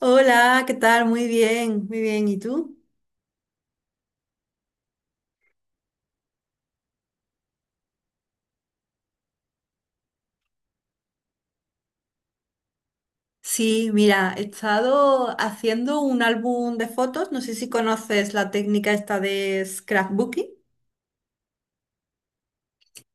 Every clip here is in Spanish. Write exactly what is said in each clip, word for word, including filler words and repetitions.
Hola, ¿qué tal? Muy bien, muy bien. ¿Y tú? Sí, mira, he estado haciendo un álbum de fotos. No sé si conoces la técnica esta de scrapbooking.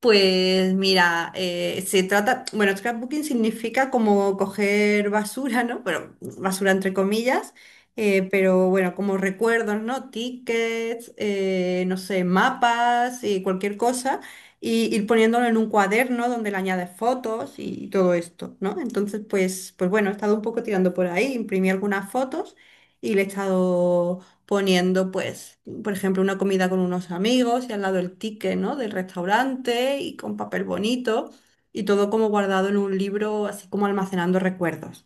Pues mira, eh, se trata, bueno, scrapbooking significa como coger basura, ¿no? Pero basura entre comillas, eh, pero bueno, como recuerdos, ¿no? Tickets, eh, no sé, mapas y cualquier cosa, y ir poniéndolo en un cuaderno donde le añades fotos y todo esto, ¿no? Entonces, pues, pues bueno, he estado un poco tirando por ahí, imprimí algunas fotos y le he estado poniendo, pues, por ejemplo, una comida con unos amigos y al lado el ticket, ¿no?, del restaurante y con papel bonito y todo como guardado en un libro, así como almacenando recuerdos.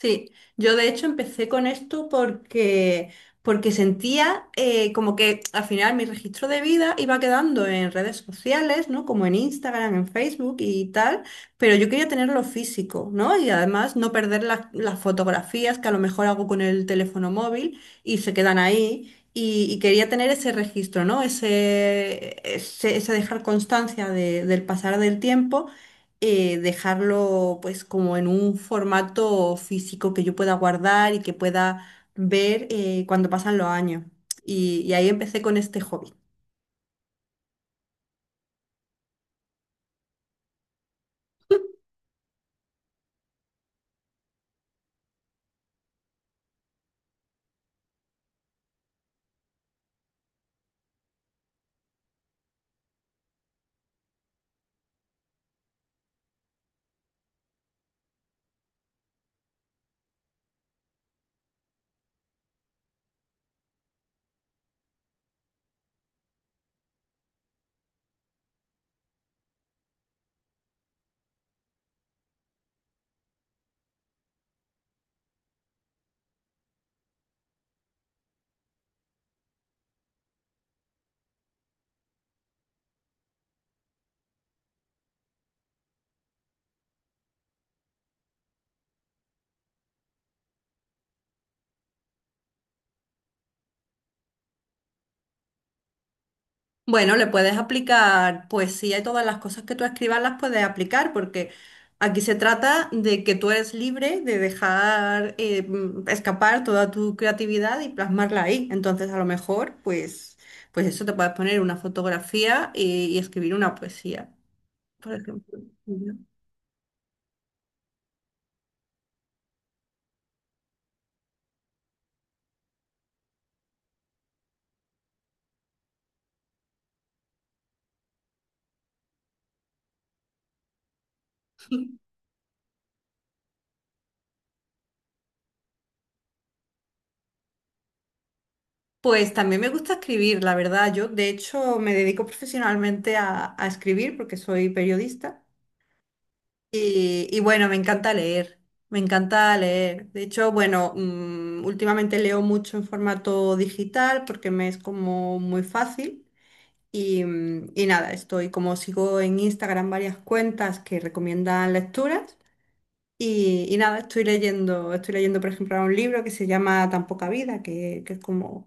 Sí, yo de hecho empecé con esto porque, porque sentía eh, como que al final mi registro de vida iba quedando en redes sociales, ¿no? Como en Instagram, en Facebook y tal, pero yo quería tenerlo físico, ¿no? Y además no perder las, las fotografías que a lo mejor hago con el teléfono móvil y se quedan ahí. Y, y quería tener ese registro, ¿no? Ese, ese, ese dejar constancia de- del pasar del tiempo, eh, dejarlo pues como en un formato físico que yo pueda guardar y que pueda ver, eh, cuando pasan los años. Y, y ahí empecé con este hobby. Bueno, le puedes aplicar poesía y todas las cosas que tú escribas las puedes aplicar porque aquí se trata de que tú eres libre de dejar eh, mm, escapar toda tu creatividad y plasmarla ahí. Entonces, a lo mejor, pues, pues eso te puedes poner una fotografía y, y escribir una poesía, por ejemplo. Pues también me gusta escribir, la verdad. Yo, de hecho, me dedico profesionalmente a, a escribir porque soy periodista. Y, y bueno, me encanta leer, me encanta leer. De hecho, bueno, mm, últimamente leo mucho en formato digital porque me es como muy fácil. Y, mm, y nada, estoy como sigo en Instagram varias cuentas que recomiendan lecturas. Y, y nada, estoy leyendo, estoy leyendo, por ejemplo, ahora un libro que se llama Tan poca vida, que, que es como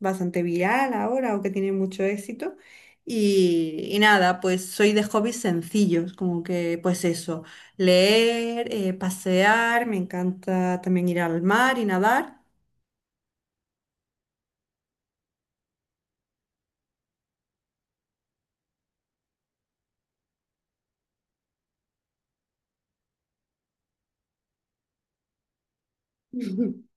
bastante viral ahora o que tiene mucho éxito. Y, y nada, pues soy de hobbies sencillos, como que pues eso, leer, eh, pasear, me encanta también ir al mar y nadar.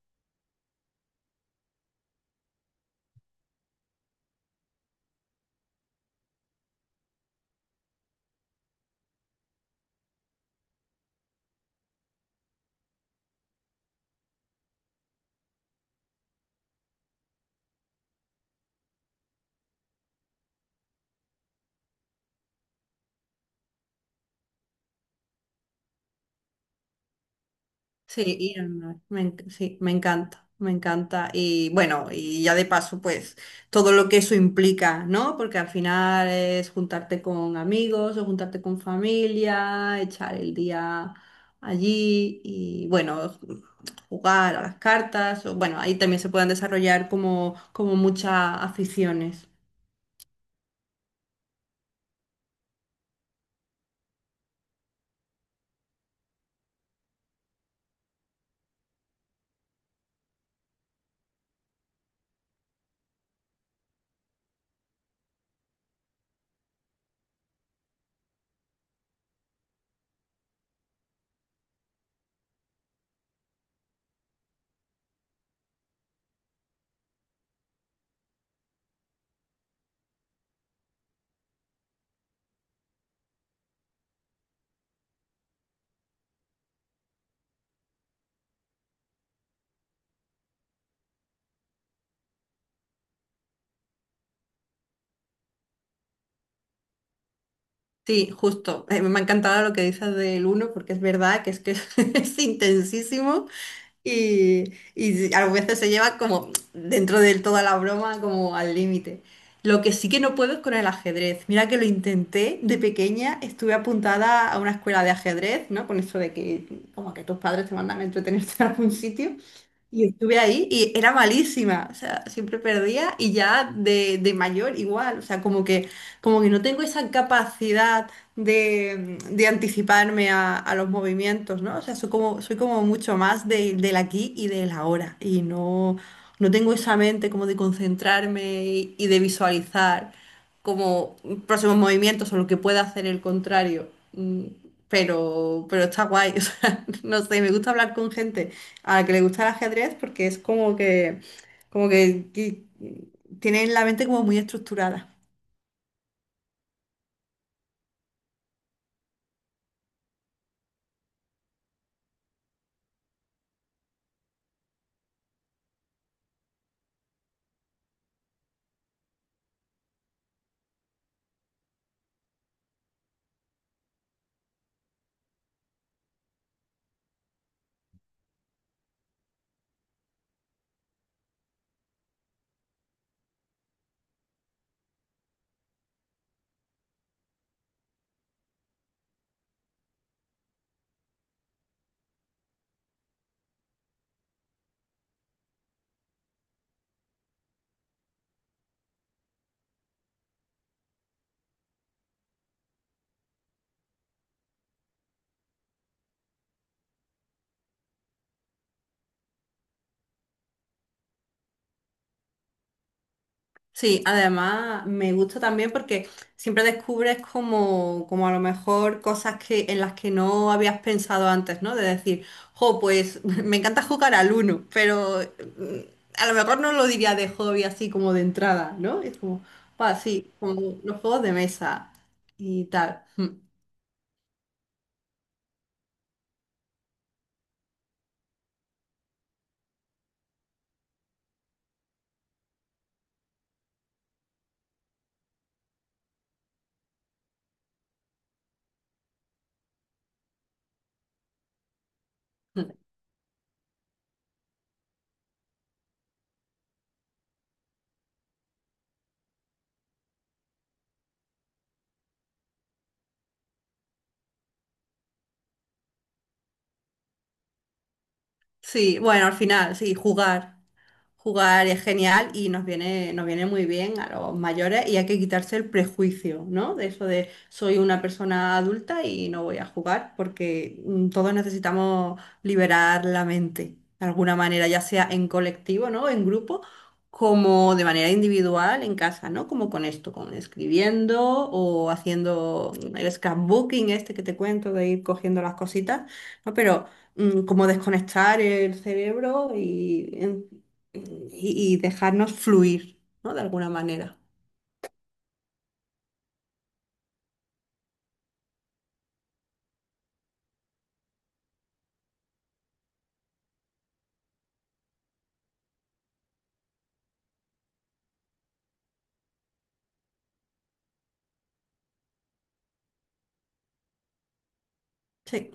Sí, ir al mar, me, enc- sí, me encanta, me encanta. Y bueno, y ya de paso, pues todo lo que eso implica, ¿no? Porque al final es juntarte con amigos o juntarte con familia, echar el día allí y bueno, jugar a las cartas. O, bueno, ahí también se pueden desarrollar como, como muchas aficiones. Sí, justo. Eh, me ha encantado lo que dices del uno, porque es verdad que es que es intensísimo y, y a veces se lleva como dentro de toda la broma como al límite. Lo que sí que no puedo es con el ajedrez. Mira que lo intenté de pequeña, estuve apuntada a una escuela de ajedrez, ¿no? Con eso de que como que tus padres te mandan a entretenerte en algún sitio. Y estuve ahí y era malísima, o sea, siempre perdía y ya de, de mayor igual, o sea, como que como que no tengo esa capacidad de, de anticiparme a, a los movimientos, ¿no? O sea, soy como, soy como mucho más de- del aquí y del ahora. Y no, no tengo esa mente como de concentrarme y, y de visualizar como próximos movimientos o lo que pueda hacer el contrario. Mm, Pero, pero está guay. O sea, no sé, me gusta hablar con gente a la que le gusta el ajedrez porque es como que, como que que tienen la mente como muy estructurada. Sí, además me gusta también porque siempre descubres como, como a lo mejor cosas que, en las que no habías pensado antes, ¿no? De decir, jo, pues me encanta jugar al uno, pero mm, a lo mejor no lo diría de hobby así como de entrada, ¿no? Es como, pa, sí, como los juegos de mesa y tal. Mm, mm. Sí, bueno, al final, sí, jugar. Jugar es genial y nos viene, nos viene muy bien a los mayores y hay que quitarse el prejuicio, ¿no? De eso de soy una persona adulta y no voy a jugar, porque mm, todos necesitamos liberar la mente de alguna manera, ya sea en colectivo, ¿no?, en grupo, como de manera individual en casa, ¿no? Como con esto, con escribiendo o haciendo el scrapbooking este que te cuento de ir cogiendo las cositas, ¿no? Pero mm, como desconectar el cerebro y en- eh, y, y dejarnos fluir, ¿no? De alguna manera. Sí,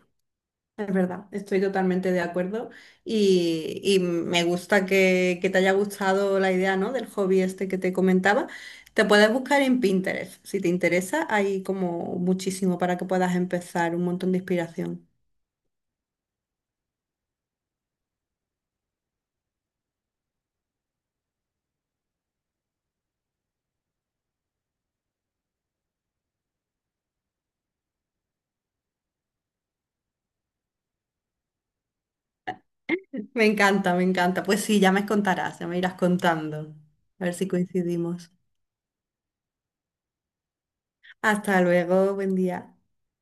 es verdad, estoy totalmente de acuerdo y, y me gusta que, que te haya gustado la idea, ¿no? Del hobby este que te comentaba. Te puedes buscar en Pinterest, si te interesa, hay como muchísimo para que puedas empezar, un montón de inspiración. Me encanta, me encanta. Pues sí, ya me contarás, ya me irás contando. A ver si coincidimos. Hasta luego, buen día.